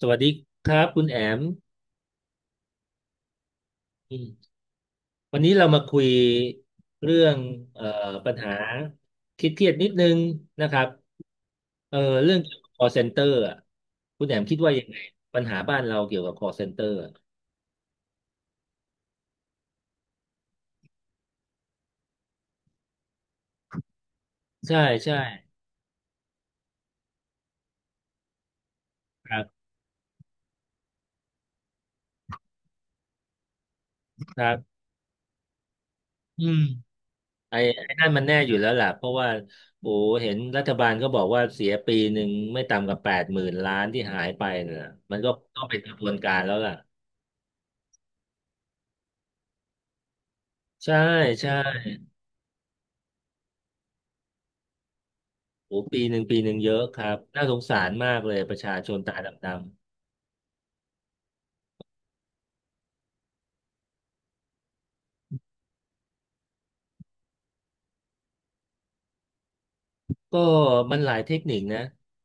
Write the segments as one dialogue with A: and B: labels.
A: สวัสดีครับคุณแอมอืมวันนี้เรามาคุยเรื่องเอ่อปัญหาคิดเครียดๆนิดนึงนะครับเอ่อเรื่องเกี่ยวกับ call center อ่ะคุณแอมคิดว่ายังไงปัญหาบ้านเราเกี่ยวกับ call center อะใช่ใช่ครับครับอืมไอ้ไอ้นั่นมันแน่อยู่แล้วล่ะเพราะว่าโอ้เห็นรัฐบาลก็บอกว่าเสียปีหนึ่งไม่ต่ำกว่าแปดหมื่นล้านที่หายไปน่ะมันก็ต้องเป็นกระบวนการแล้วล่ะใช่ใช่ โอ้ปีหนึ่งปีหนึ่งเยอะครับน่าสงสารมากเลยประชาชนตาดำ ก็มันหลายเทคนิคนะ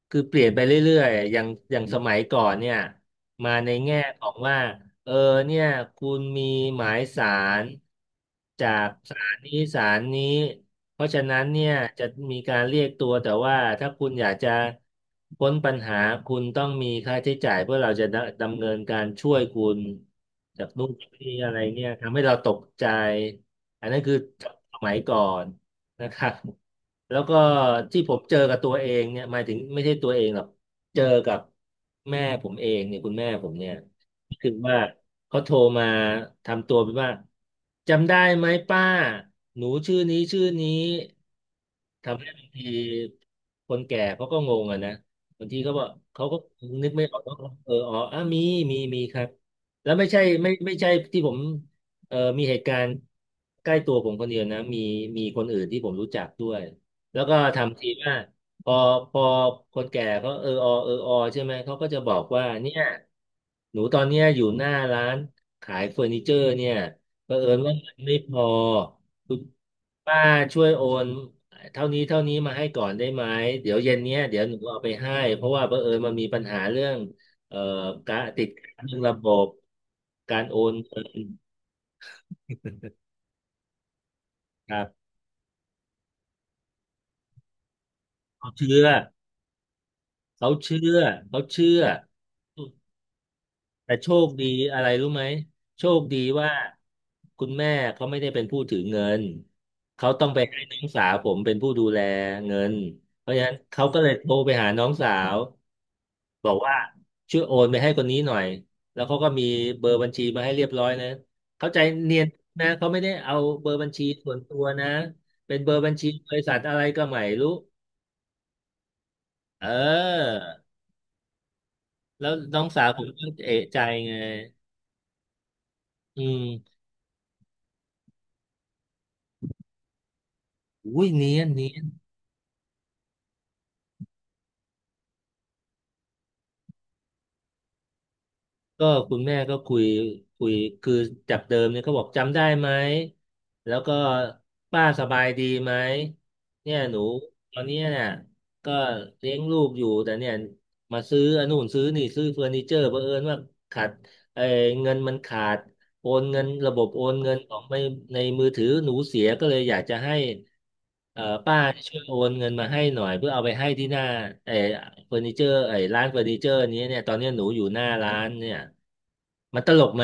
A: คือเปลี่ยนไปเรื่อยๆอย่างสมัยก่อนเนี่ยมาในแง่ของว่าเออเนี่ยคุณมีหมายศาลจากศาลนี้ศาลนี้เพราะฉะนั้นเนี่ยจะมีการเรียกตัวแต่ว่าถ้าคุณอยากจะพ้นปัญหาคุณต้องมีค่าใช้จ่ายเพื่อเราจะดำเนินการช่วยคุณจากนู่นจากนี่อะไรเนี่ยทำให้เราตกใจอันนั้นคือสมัยก่อน นะครับแล้วก็ที่ผมเจอกับตัวเองเนี่ยหมายถึงไม่ใช่ตัวเองหรอกเจอกับแม่ผมเองเนี่ยคุณแม่ผมเนี่ยคือว่าเขาโทรมาทำตัวเป็นว่าจำได้ไหมป้าหนูชื่อนี้ชื่อนี้ทำให้บางทีคนแก่เขาก็งงอะนะบางทีเขาบอกเขาก็นึกไม่ออกว่าเอออ๋ออ่ะมีมีครับแล้วไม่ใช่ไม่ใช่ที่ผม เออมีเหตุการณ์ใกล้ตัวผมคนเดียวนะมีมีคนอื่นที่ผมรู้จักด้วยแล้วก็ทำทีว่าพอพอคนแก่เขาเออออเออออใช่ไหมเขาก็จะบอกว่าเนี่ยหนูตอนเนี้ยอยู่หน้าร้านขายเฟอร์นิเจอร์เนี่ยเผอิญว่าเงินไม่พอคุณป้าช่วยโอนเท่านี้เท่านี้มาให้ก่อนได้ไหมเดี๋ยวเย็นเนี้ยเดี๋ยวหนูเอาไปให้เพราะว่าเผอิญมันมีปัญหาเรื่องเอ่อการติดขัดเรื่องระบบการโอนเงินครับ เขาเชื่อเขาเชื่อเขาเชื่อแต่โชคดีอะไรรู้ไหมโชคดีว่าคุณแม่เขาไม่ได้เป็นผู้ถือเงินเขาต้องไปให้น้องสาวผมเป็นผู้ดูแลเงินเพราะฉะนั้นเขาก็เลยโทรไปหาน้องสาวบอกว่าช่วยโอนไปให้คนนี้หน่อยแล้วเขาก็มีเบอร์บัญชีมาให้เรียบร้อยนะเข้าใจเนียนนะเขาไม่ได้เอาเบอร์บัญชีส่วนตัวนะเป็นเบอร์บัญชีบริษัทอะไรก็ไม่รู้เออ แล้วน้องสาวผมก็เอะใจไง อืม อุ้ยเนียนเนียนก็คุณแม่ก็คุยคุยคือจากเดิมเนี่ยก็บอกจำได้ไหม แล้วก็ป้าสบายดีไหมเนี่ยหนูตอนเนี้ยเนี่ยก็เลี้ยงลูกอยู่แต่เนี่ยมาซื้ออันนู่นซื้อนี่ซื้อเฟอร์นิเจอร์เผอิญว่าขาดเออเงินมันขาด โอนเงินระบบโอนเงินของไม่ในมือถือหนูเสียก็เลยอยากจะให้ป้าช่วยโอนเงินมาให้หน่อยเพื่อเอาไปให้ที่หน้าไอ้เฟอร์นิเจอร์ไอ้ร้านเฟอร์นิเจอร์นี้เนี่ยตอนเนี้ยหนูอยู่หน้าร้านเนี่ยมันตลกไหม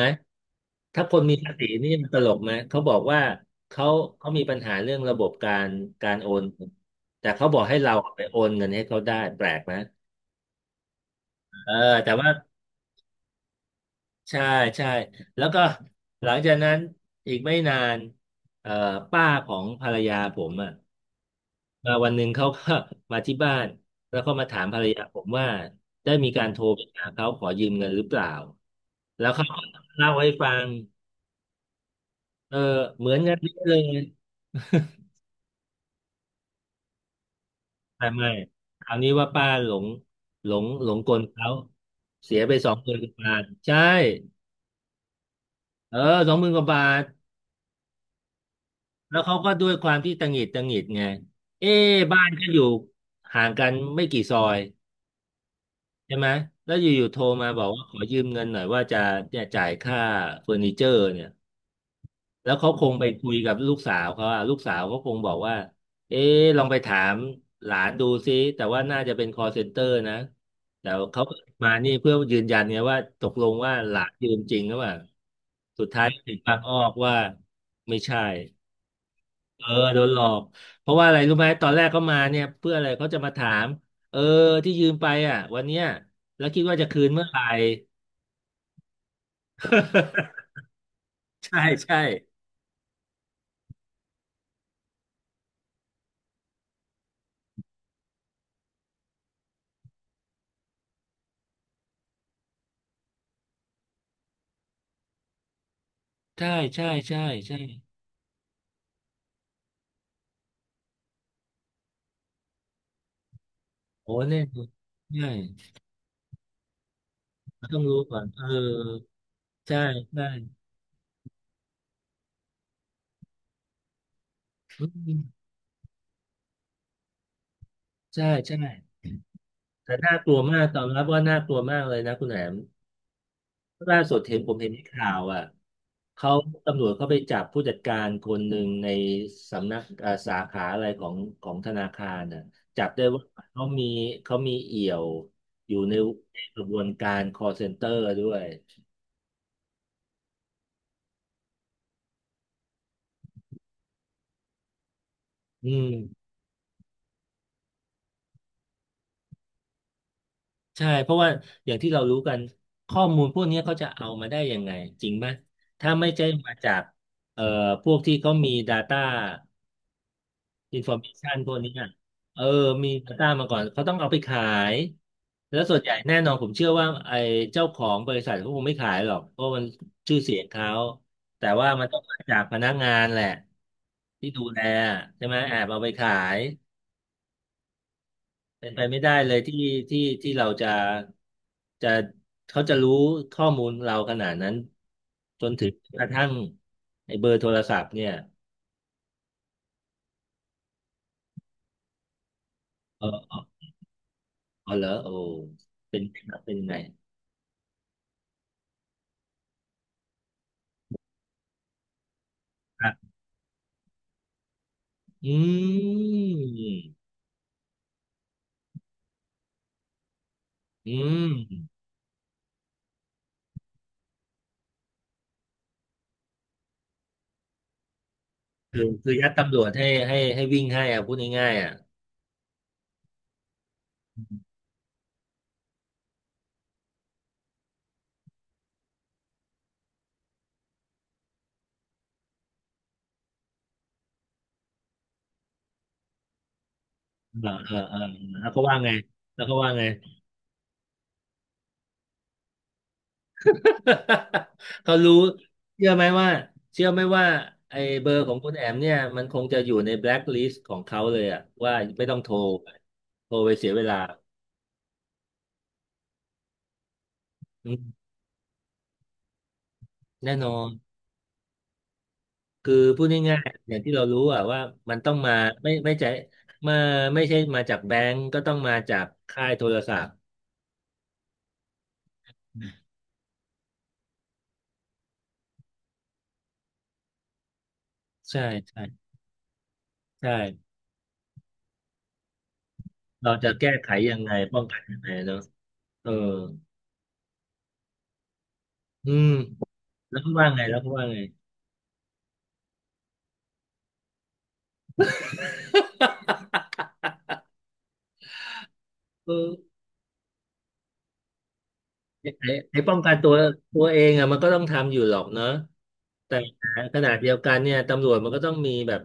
A: ถ้าคนมีภาษีนี่มันตลกไหมเขาบอกว่าเขาเขามีปัญหาเรื่องระบบการโอนแต่เขาบอกให้เราไปโอนเงินให้เขาได้แปลกไหมเออแต่ว่า ใช่ใช่แล้วก็หลังจากนั้นอีกไม่นานเอ่อป้าของภรรยาผมอ่ะมาวันหนึ่งเขาก็ มาที่บ้านแล้วก็มาถามภรรยาผมว่าได้มีการโทรไปหาเขาขอยืมเงินหรือเปล่าแล้วเขาก็เล่าให้ฟังเออเหมือนกันเป๊ะเลย ไม่ไม่คราวนี้ว่าป้าหลงหลงกลเขาเสียไปสองหมื่นกว่าบาทใช่เออสองหมื่นกว่าบาท แล้วเขาก็ด้วยความที่ตังหงิดตังหงิดไงเอ๊ะบ้านก็อยู่ห่างกันไม่กี่ซอยใช่ไหมแล้วอยู่ๆโทรมาบอกว่าขอยืมเงินหน่อยว่าจะเนี่ยจ่ายค่าเฟอร์นิเจอร์เนี่ยแล้วเขาคงไปคุยกับลูกสาวเขาอะลูกสาวเขาคงบอกว่าเอ๊ะลองไปถามหลานดูซิแต่ว่าน่าจะเป็น call center นะแต่เขามานี่เพื่อยืนยันไงว่าตกลงว่าหลานยืมจริงหรือเปล่าสุดท้ายถึงบางอ้อว่าไม่ใช่ เออโดนหลอกเพราะว่าอะไรรู้ไหมตอนแรกเขามาเนี่ยเพื่ออะไรเขาจะมาถามเออที่ยืมไปอ่ะวันเนี้ยแล้วคิดว่าจะคืนเมื่อไหร่ ใช่ใช่ใช่ใช่ใช่ใช่โอ้เนี่ยใช่มันต้องรู้ก่อนเออใช่ใช่อืมใช่ใช่แต่น่ากลัวมากตอนรับว่าน่ากลัวมากเลยนะคุณแหนม ล่าสุดเห็นผมเห็นในข่าวอ่ะเขาตำรวจเขาไปจับผู้จัดการคนหนึ่งในสำนักสาขาอะไรของธนาคารน่ะจับได้ว่าเขามีเอี่ยวอยู่ในกระบวนการ call center ด้วยอืมใช่เพราะว่าอย่างที่เรารู้กันข้อมูลพวกนี้เขาจะเอามาได้ยังไงจริงไหมถ้าไม่ใช่มาจากเอ่อพวกที่เขามี Data อินฟอร์เมชันพวกนี้อ่ะเออมี Data มาก่อนเขาต้องเอาไปขายแล้วส่วนใหญ่แน่นอนผมเชื่อว่าไอ้เจ้าของบริษัทเขาคงไม่ขายหรอกเพราะมันชื่อเสียงเขาแต่ว่ามันต้องมาจากพนักงานแหละที่ดูแลใช่ไหมแอบเอาไปขายเป็นไปไม่ได้เลยที่เราจะจะเขาจะรู้ข้อมูลเราขนาดนั้นจนถึงกระทั่งไอ้เบอร์โทรศัพท์เนี่ยเออเออเหรอโอ้เป็นยังไง อืมอืมคือยัดตำรวจให้วิ่งให้อ่ะพูดง่ายๆอ่ะเออเออเออแล้วก็ว่าไงแล้วก็ว่าไง เขารู้เชื่อไหมว่าเชื่อไหมว่าไอ้เบอร์ของคุณแอมเนี่ยมันคงจะอยู่ในแบล็คลิสต์ของเขาเลยอ่ะว่าไม่ต้องโทรโทรไปเสียเวลาอืมแน่นอนคือพูดง่ายๆอย่างที่เรารู้อ่ะว่ามันต้องมาไม่ไม่ใช่มาไม่ใช่มาจากแบงก์ก็ต้องมาจากค่ายโทรศัพท์ ใช่ใช่ใช่เราจะแก้ไขยังไงป้องกันยังไงเนาะเอออืมแล้วก็ว่าไง เออ ไอ้ไอ้ป้องกันตัวเองอ่ะมันก็ต้องทำอยู่หรอกเนอะแต่ขนาดเดียวกันเนี่ยตำรวจมันก็ต้องมีแบบ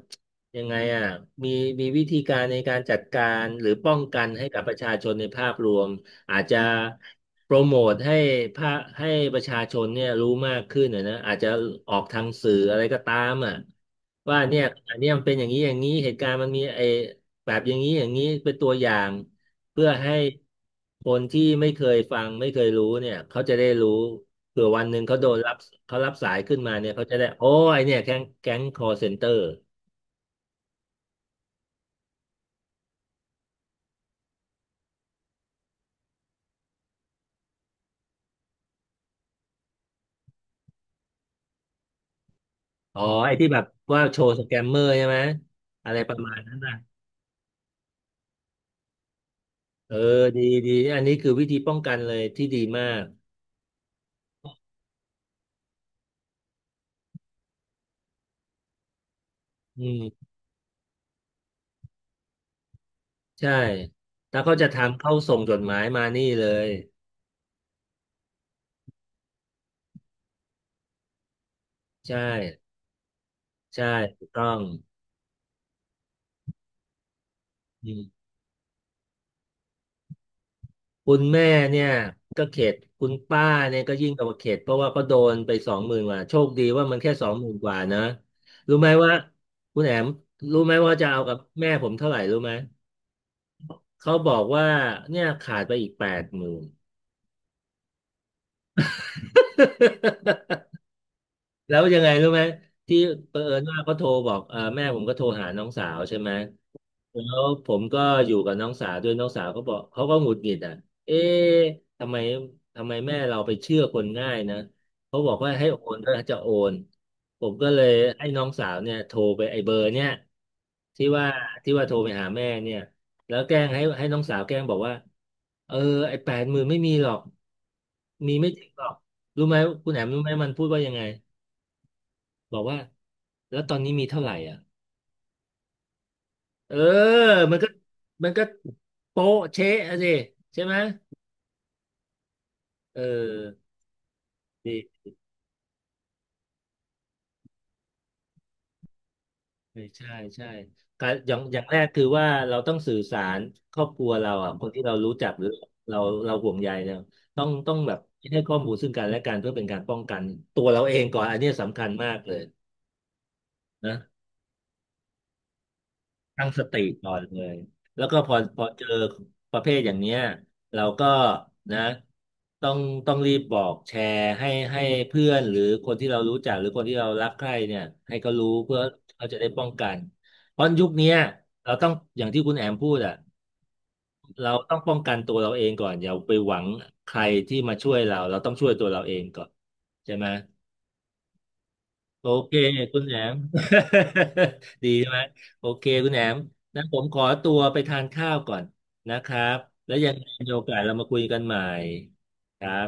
A: ยังไงอ่ะมีมีวิธีการในการจัดการหรือป้องกันให้กับประชาชนในภาพรวมอาจจะโปรโมทภาให้ประชาชนเนี่ยรู้มากขึ้นนะอาจจะออกทางสื่ออะไรก็ตามอ่ะว่าเนี่ยอันเนี้ยมันเป็นอย่างนี้อย่างนี้เหตุการณ์มันมีไอ้แบบอย่างนี้อย่างนี้เป็นตัวอย่าง เพื่อให้คนที่ไม่เคยฟังไม่เคยรู้เนี่ยเขาจะได้รู้เผื่อวันหนึ่งเขาโดนรับเขารับสายขึ้นมาเนี่ยเขาจะได้โอ้ไอเนี่ยแก๊งคอเซ็นเตอร์อ๋อไอ้ที่แบบว่าโชว์สแกมเมอร์ใช่ไหมอะไรประมาณนั้นนะเออดีดีอันนี้คือวิธีป้องกันเลยที่ดีมากอืมใช่ถ้าเขาจะทำเขาส่งจดหมายมานี่เลยใช่ใช่ถูกต้องอืม คุณแม่เนี่ยก็เข็ดคุณป้าเนี่ยก็ยิ่งกว่าเข็ดเพราะว่าก็โดนไปสองหมื่นกว่าโชคดีว่ามันแค่สองหมื่นกว่านะรู้ไหมว่าคุณแอมรู้ไหมว่าจะเอากับแม่ผมเท่าไหร่รู้ไหมเขาบอกว่าเนี่ยขาดไปอีกแปดหมื่น แล้วยังไงรู้ไหมที่เผอิญว่าเขาโทรบอกเออแม่ผมก็โทรหาน้องสาวใช่ไหม แล้วผมก็อยู่กับน้องสาวด้วยน้องสาวก็บอกเขาก็หงุดหงิดอ่ะเอ๊ะทำไมทำไมแม่เราไปเชื่อคนง่ายนะเขาบอกว่าให้โอนก็จะโอนผมก็เลยให้น้องสาวเนี่ยโทรไปไอ้เบอร์เนี่ยที่ว่าที่ว่าโทรไปหาแม่เนี่ยแล้วแกล้งให้น้องสาวแกล้งบอกว่าเออไอ้แปดหมื่นไม่มีหรอกมีไม่ถึงหรอกรู้ไหมคุณแหม่มรู้ไหมมันพูดว่ายังไงบอกว่าแล้วตอนนี้มีเท่าไหร่อ่ะ เออมันก็มันก็โป๊ะเช๊ะอะสิใช่ไหมเออดีเออใช่ใช่การอย่างแรกคือว่าเราต้องสื่อสารครอบครัวเราอ่ะคนที่เรารู้จักหรือเราเราห่วงใยเนี่ยต้องแบบให้ข้อมูลซึ่งกันและกันเพื่อเป็นการป้องกันตัวเราเองก่อนอันเนี้ยสำคัญมากเลยนะ ตั้งสติก่อนเลยแล้วก็พอเจอประเภทอย่างเนี้ยเราก็นะต้องต้องรีบบอกแชร์ให้เพื่อนหรือคนที่เรารู้จักหรือคนที่เรารักใคร่เนี่ยให้เขารู้เพื่อเขาจะได้ป้องกันเพราะยุคเนี้ยเราต้องอย่างที่คุณแอมพูดอ่ะเราต้องป้องกันตัวเราเองก่อนอย่าไปหวังใครที่มาช่วยเราเราต้องช่วยตัวเราเองก่อนใช่ไหม โอเคคุณแหนม ดีใช่ไหมโอเคคุณแหนมงั้นะผมขอตัวไปทานข้าวก่อนนะครับแล้วยังไงมีโอกาสเรามาคุยกันใหม่ครับ